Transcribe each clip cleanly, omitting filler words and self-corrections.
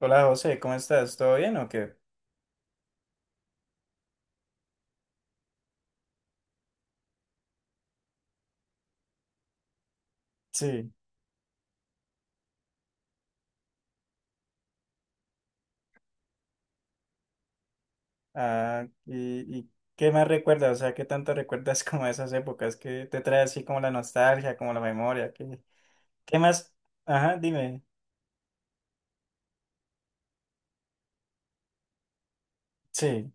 Hola José, ¿cómo estás? ¿Todo bien o qué? Sí. Ah, y ¿qué más recuerdas? O sea, ¿qué tanto recuerdas como esas épocas que te trae así como la nostalgia, como la memoria? ¿Qué más? Ajá, dime. Sí.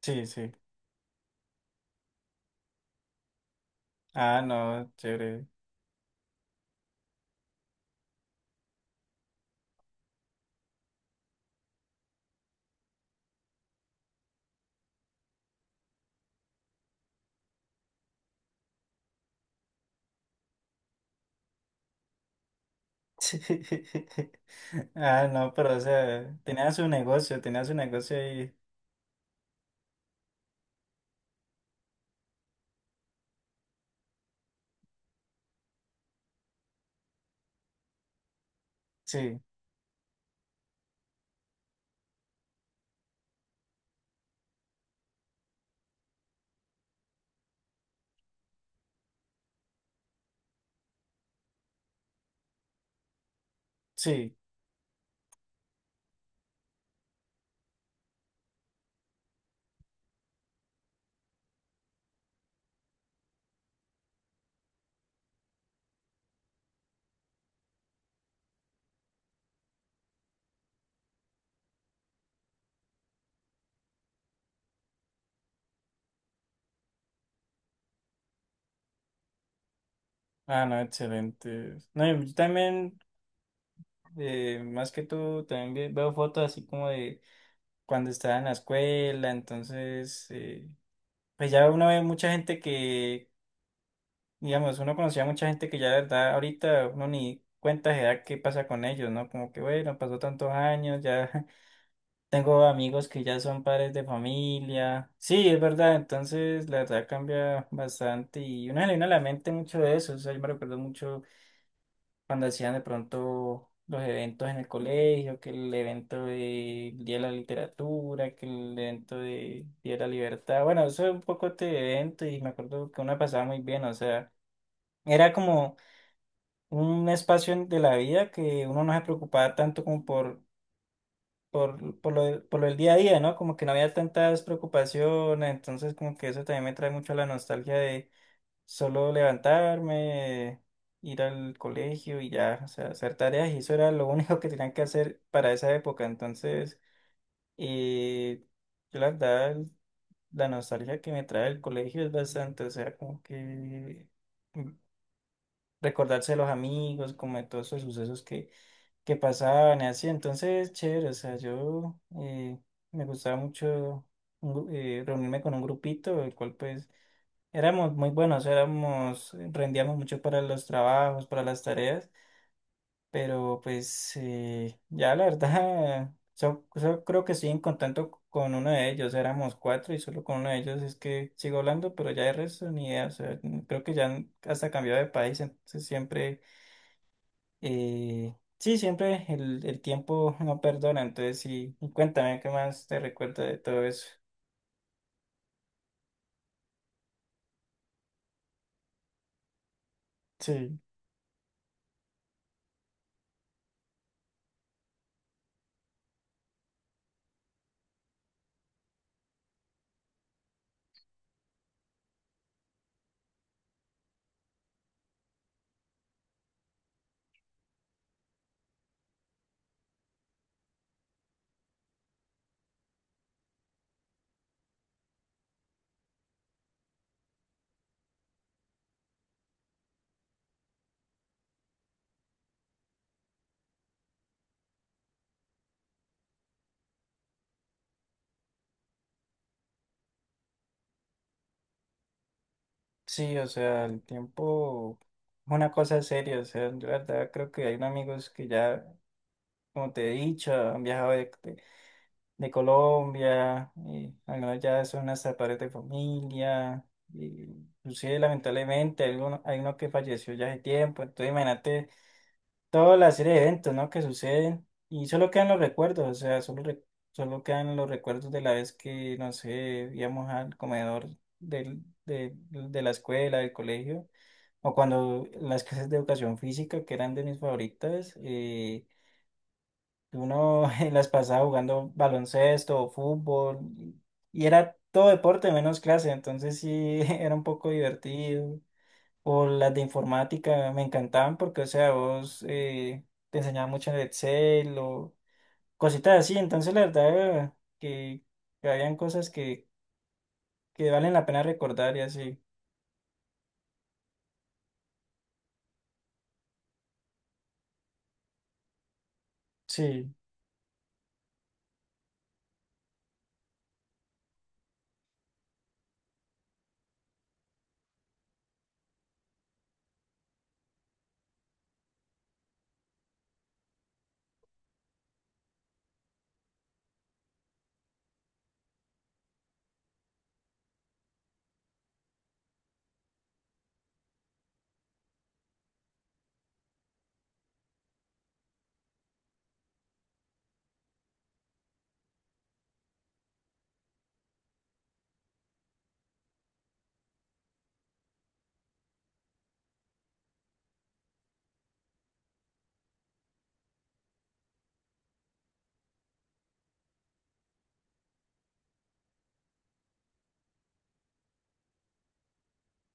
Sí, sí. Ah, no, chévere. Sí. Ah, no, pero o sea, tenía su negocio ahí. Sí, sí. Ah, no, excelente. No, yo también, más que tú, también veo fotos así como de cuando estaba en la escuela, entonces, pues ya uno ve mucha gente que, digamos, uno conocía mucha gente que ya la verdad ahorita uno ni cuenta se da qué pasa con ellos, ¿no? Como que, bueno, pasó tantos años, ya tengo amigos que ya son padres de familia. Sí, es verdad, entonces la verdad cambia bastante y uno le viene a la mente mucho de eso, o sea, yo me recuerdo mucho cuando hacían de pronto los eventos en el colegio, que el evento de Día de la Literatura, que el evento de Día de la Libertad. Bueno, eso es un poco este evento y me acuerdo que uno pasaba muy bien, o sea, era como un espacio de la vida que uno no se preocupaba tanto como por… Por lo del día a día, ¿no? Como que no había tantas preocupaciones, entonces como que eso también me trae mucho la nostalgia. Solo levantarme, ir al colegio y ya, o sea, hacer tareas y eso era lo único que tenían que hacer para esa época. Entonces, eh, yo la verdad, la nostalgia que me trae el colegio es bastante, o sea, como que mm, recordarse de los amigos, como de todos esos sucesos que pasaban y así. Entonces, chévere, o sea, yo me gustaba mucho reunirme con un grupito, el cual pues éramos muy buenos, éramos, rendíamos mucho para los trabajos, para las tareas, pero pues ya la verdad, yo creo que estoy en contacto con uno de ellos, éramos cuatro y solo con uno de ellos es que sigo hablando, pero ya de resto ni idea, o sea, creo que ya hasta cambió de país, entonces siempre, sí, siempre el tiempo no perdona, entonces sí, y cuéntame qué más te recuerda de todo eso. Sí. Sí, o sea, el tiempo es una cosa seria, o sea, yo la verdad creo que hay amigos que ya, como te he dicho, han viajado de Colombia, y algunos ya son hasta padres de familia, y inclusive lamentablemente hay uno que falleció ya hace tiempo, entonces imagínate toda la serie de eventos, ¿no? Que suceden, y solo quedan los recuerdos, o sea, solo quedan los recuerdos de la vez que, no sé, íbamos al comedor de la escuela, del colegio o cuando las clases de educación física, que eran de mis favoritas, uno en las pasaba jugando baloncesto o fútbol, y era todo deporte menos clase, entonces sí era un poco divertido. O las de informática me encantaban porque, o sea, vos te enseñaban mucho de Excel o cositas así, entonces la verdad que, que habían cosas que valen la pena recordar y así. Sí,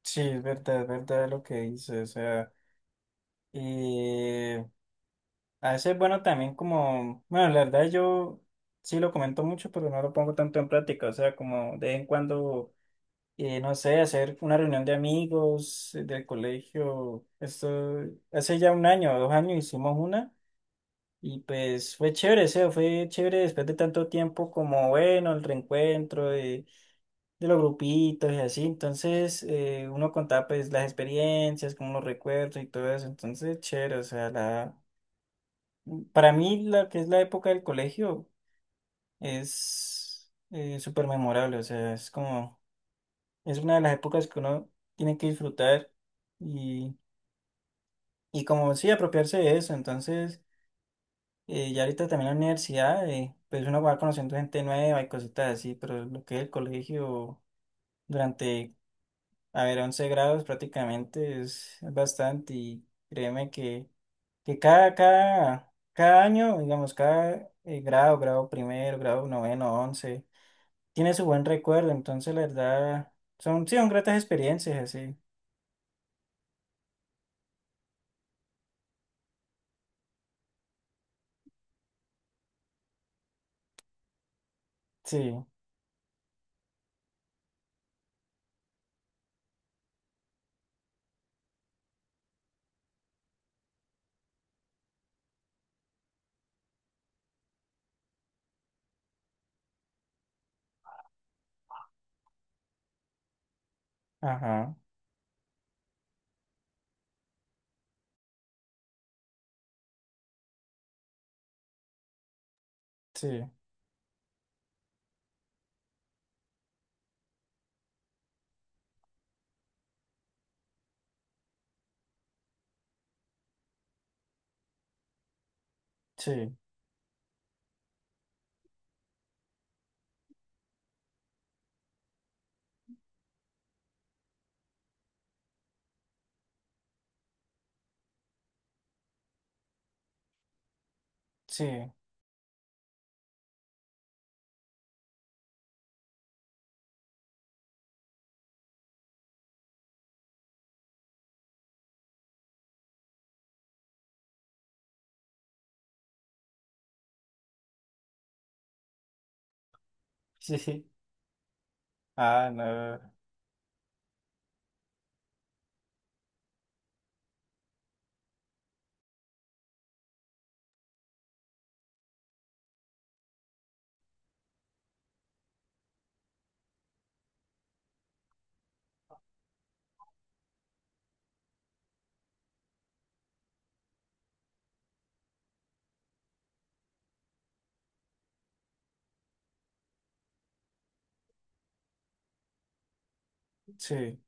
sí, es verdad lo que dices, o sea. Y a veces, bueno, también como, bueno, la verdad yo sí lo comento mucho, pero no lo pongo tanto en práctica. O sea, como de vez en cuando, no sé, hacer una reunión de amigos del colegio. Esto, hace ya un año o dos años hicimos una y pues fue chévere, o sea, fue chévere después de tanto tiempo como, bueno, el reencuentro de los grupitos y así. Entonces, uno contaba pues las experiencias, como los recuerdos y todo eso. Entonces, chévere, o sea, la… Para mí, la que es la época del colegio es súper memorable, o sea, es como, es una de las épocas que uno tiene que disfrutar y, y como sí, apropiarse de eso. Entonces, ya ahorita también en la universidad, pues uno va conociendo gente nueva y cositas así, pero lo que es el colegio durante, a ver, 11 grados prácticamente es bastante y créeme que cada año, digamos, cada grado, grado primero, grado noveno, once tiene su buen recuerdo, entonces la verdad son, sí, son gratas experiencias, así. Sí, ajá, sí, sí, sí, sí, sí. Ah, no, sí.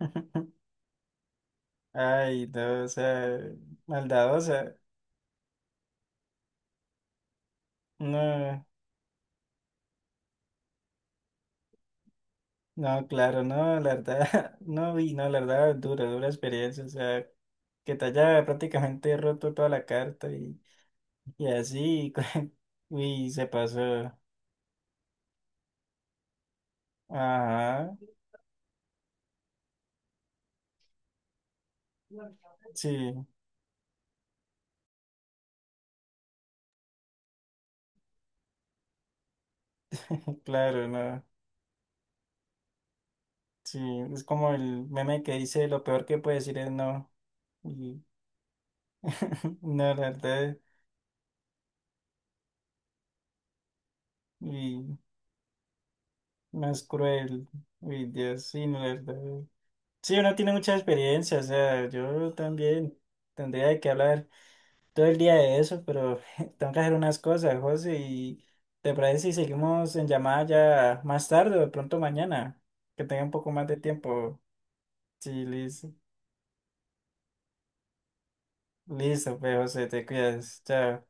Ay, no, o sea, maldadosa. No, no, claro, no, la verdad, no, y no, la verdad, dura, dura experiencia, o sea, que te haya prácticamente roto toda la carta y así, uy se pasó. Ajá, sí. Claro, no. Sí, es como el meme que dice lo peor que puede decir es no. Y no, la verdad, y más cruel. Uy, Dios, sí, no, la verdad. Sí, uno tiene mucha experiencia, o sea, yo también tendría que hablar todo el día de eso, pero tengo que hacer unas cosas, José, y te parece si seguimos en llamada ya más tarde o de pronto mañana, que tenga un poco más de tiempo. Sí, listo. Listo, pues, José, te cuidas. Chao.